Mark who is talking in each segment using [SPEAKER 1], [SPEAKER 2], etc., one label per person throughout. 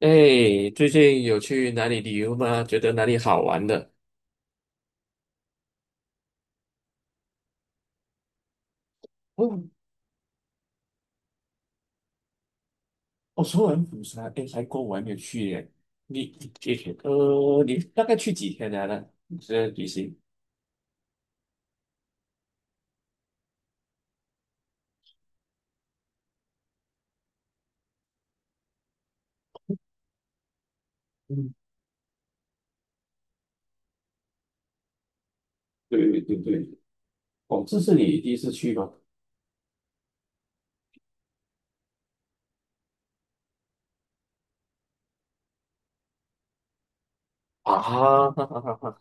[SPEAKER 1] 哎，最近有去哪里旅游吗？觉得哪里好玩的？哦，哦，首尔、釜山，哎，韩国我还没有去耶。你，你，你大概去几天来了？你这旅行？嗯，对对对，哦，这是你第一次去吗？啊，哈哈哈哈，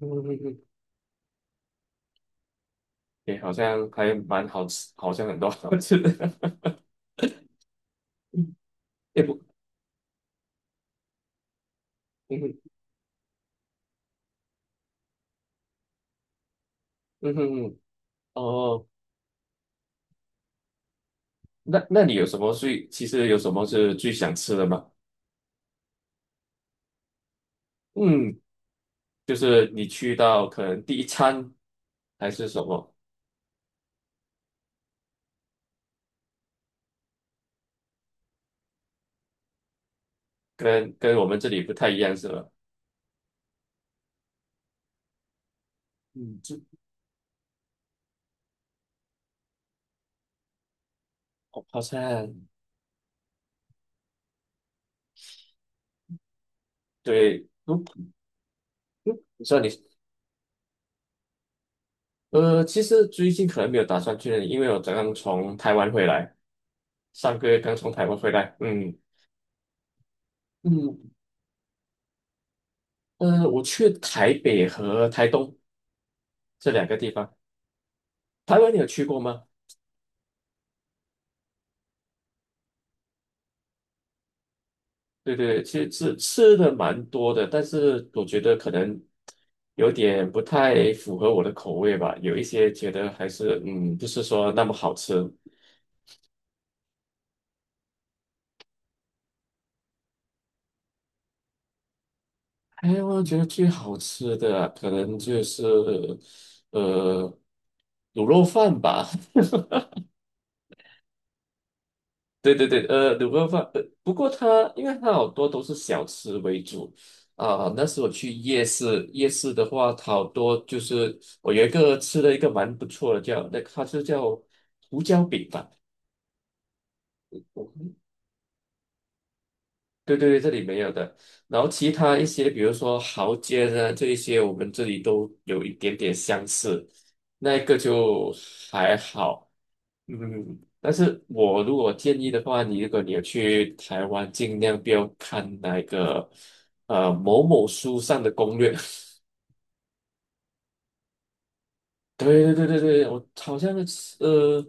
[SPEAKER 1] 嗯，嗯嗯，哎，好像还蛮好吃，好像很多好吃的。也不，嗯哼嗯哼嗯，哦，那你有什么最，其实有什么是最想吃的吗？嗯，就是你去到可能第一餐还是什么，跟我们这里不太一样是吧？嗯，这哦好像对，如你说你其实最近可能没有打算去那里，因为我刚刚从台湾回来，上个月刚从台湾回来，嗯嗯我去台北和台东这两个地方，台湾你有去过吗？对对，其实吃吃的蛮多的，但是我觉得可能有点不太符合我的口味吧。有一些觉得还是不是说那么好吃。哎，我觉得最好吃的啊可能就是呃卤肉饭吧。对对对，卤肉饭，不过它因为它好多都是小吃为主啊、那时我去夜市，夜市的话，它好多就是我有一个吃了一个蛮不错的叫，那它是叫胡椒饼吧？对对对，这里没有的。然后其他一些，比如说蚝煎啊，这一些我们这里都有一点点相似，那一个就还好。嗯，但是我如果建议的话，你如果你有去台湾，尽量不要看那个某某书上的攻略。对对对对对，我好像是呃，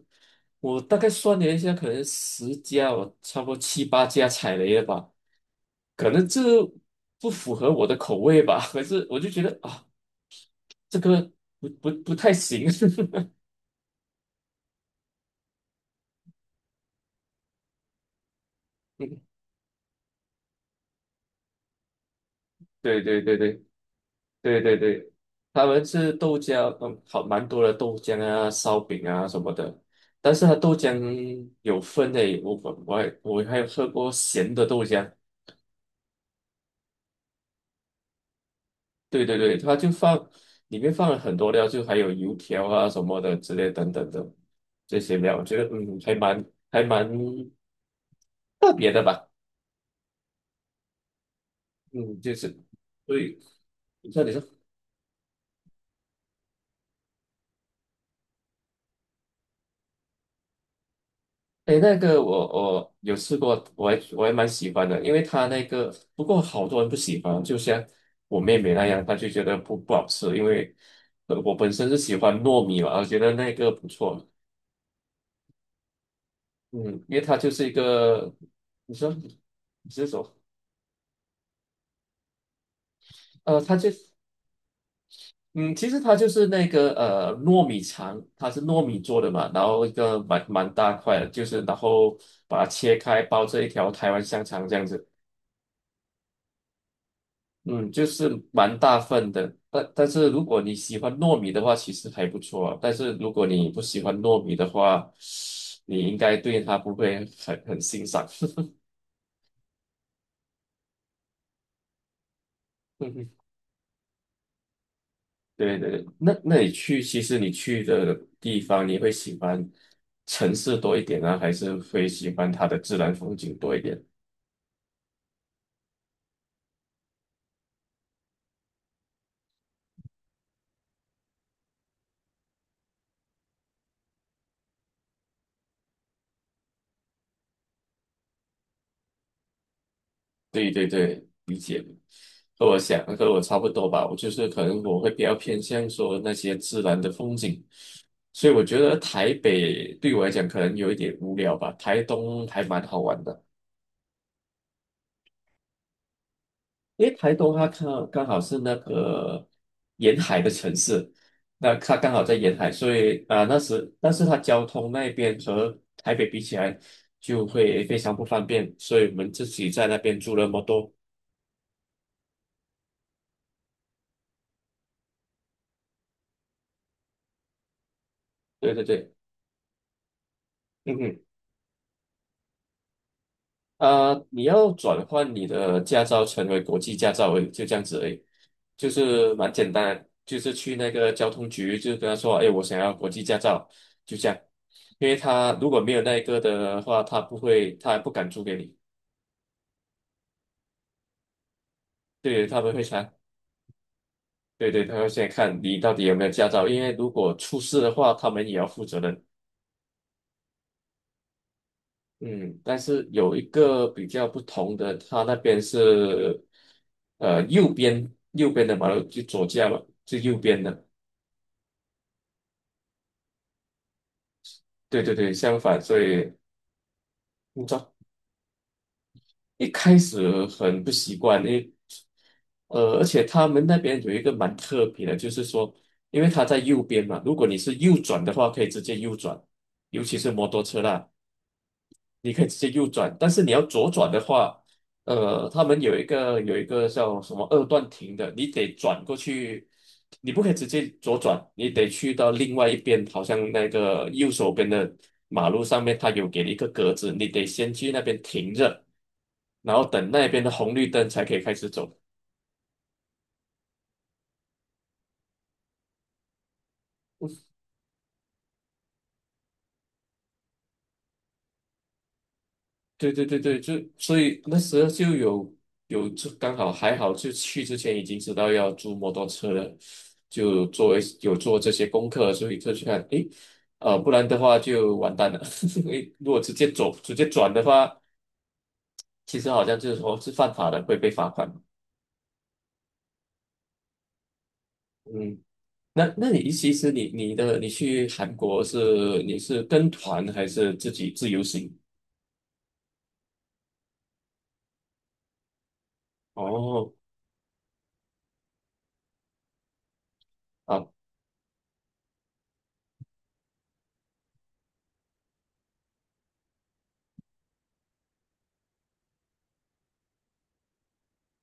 [SPEAKER 1] 我大概算了一下，可能十家，我差不多七八家踩雷了吧，可能这不符合我的口味吧。可是我就觉得啊，这个不太行。对对对对。对对对，他们是豆浆，嗯，好蛮多的豆浆啊、烧饼啊什么的。但是它豆浆有分诶，我还有喝过咸的豆浆。对对对，它就放里面放了很多料，就还有油条啊什么的之类等等的这些料，我觉得还蛮特别的吧。嗯，就是对，你说。诶，那个我有试过，我还蛮喜欢的，因为它那个不过好多人不喜欢，就像我妹妹那样，她就觉得不好吃，因为我本身是喜欢糯米嘛，我觉得那个不错，嗯，因为它就是一个，你说你是说呃，它就嗯，其实它就是那个糯米肠，它是糯米做的嘛，然后一个蛮大块的，就是然后把它切开，包着一条台湾香肠这样子。嗯，就是蛮大份的，但是如果你喜欢糯米的话，其实还不错啊但是如果你不喜欢糯米的话，你应该对它不会很欣赏。对对对，那你去，其实你去的地方，你会喜欢城市多一点呢，还是会喜欢它的自然风景多一点？对对对，理解。和我差不多吧，我就是可能我会比较偏向说那些自然的风景，所以我觉得台北对我来讲可能有一点无聊吧，台东还蛮好玩的，因为台东它刚刚好是那个沿海的城市，那它刚好在沿海，所以啊、呃那时但是它交通那边和台北比起来就会非常不方便，所以我们自己在那边住那么多，对对对，嗯哼。你要转换你的驾照成为国际驾照而已就这样子而已，就是蛮简单的就是去那个交通局，就跟他说，哎，我想要国际驾照，就这样。因为他如果没有那个的话，他不会，他不敢租给你，对，他们会查，对对，他会先看你到底有没有驾照，因为如果出事的话，他们也要负责任。嗯，但是有一个比较不同的，他那边是，右边的马路就左驾嘛，是右边的，对对对，相反，所以你知道一开始很不习惯，因为而且他们那边有一个蛮特别的，就是说，因为他在右边嘛，如果你是右转的话，可以直接右转，尤其是摩托车啦。你可以直接右转，但是你要左转的话，他们有一个叫什么二段停的，你得转过去，你不可以直接左转，你得去到另外一边，好像那个右手边的马路上面，它有给你一个格子，你得先去那边停着，然后等那边的红绿灯才可以开始走。对对对对，就所以那时候就有有就刚好还好，就去之前已经知道要租摩托车了，就做一有做这些功课，所以就去看，诶，不然的话就完蛋了。因为如果直接转的话，其实好像就是说是犯法的，会被罚款。嗯，那你其实你去韩国是你是跟团还是自己自由行？哦，啊。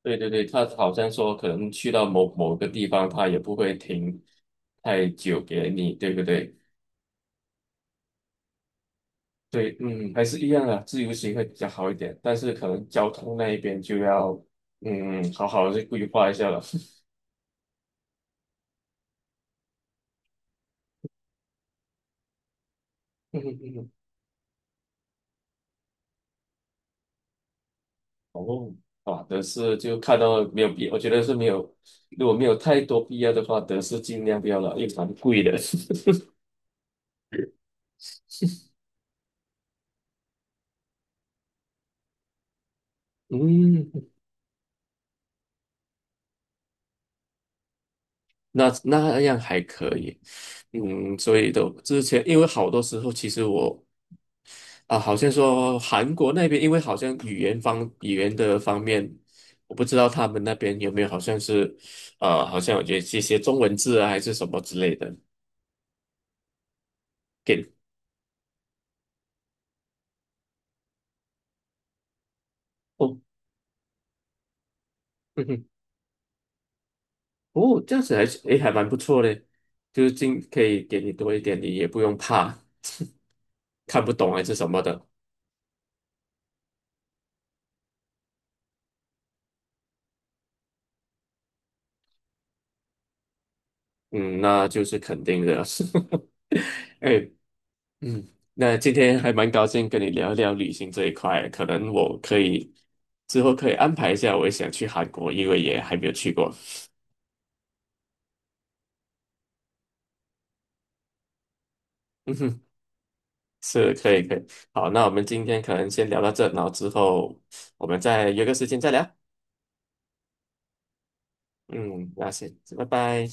[SPEAKER 1] 对对对，他好像说可能去到某某个地方，他也不会停太久给你，对不对？对，嗯，还是一样的，自由行会比较好一点，但是可能交通那一边就要，嗯，好好的规划一下了。嗯嗯嗯，哦，啊，德士就看到没有必，我觉得是没有，如果没有太多必要的话，德士尽量不要了，因为蛮贵的。嗯，那那样还可以，嗯，所以都之前因为好多时候其实我啊，好像说韩国那边，因为好像语言的方面，我不知道他们那边有没有好像是，好像有些这些中文字啊，还是什么之类的。给哦，嗯哼哦，这样子还是诶，还蛮不错的，就是尽可以给你多一点，你也不用怕 看不懂还是什么的。嗯，那就是肯定的。哎，嗯，那今天还蛮高兴跟你聊一聊旅行这一块，可能我可以之后可以安排一下，我也想去韩国，因为也还没有去过。嗯哼，是可以。好，那我们今天可能先聊到这，然后之后我们再约个时间再聊。嗯，那先，拜拜。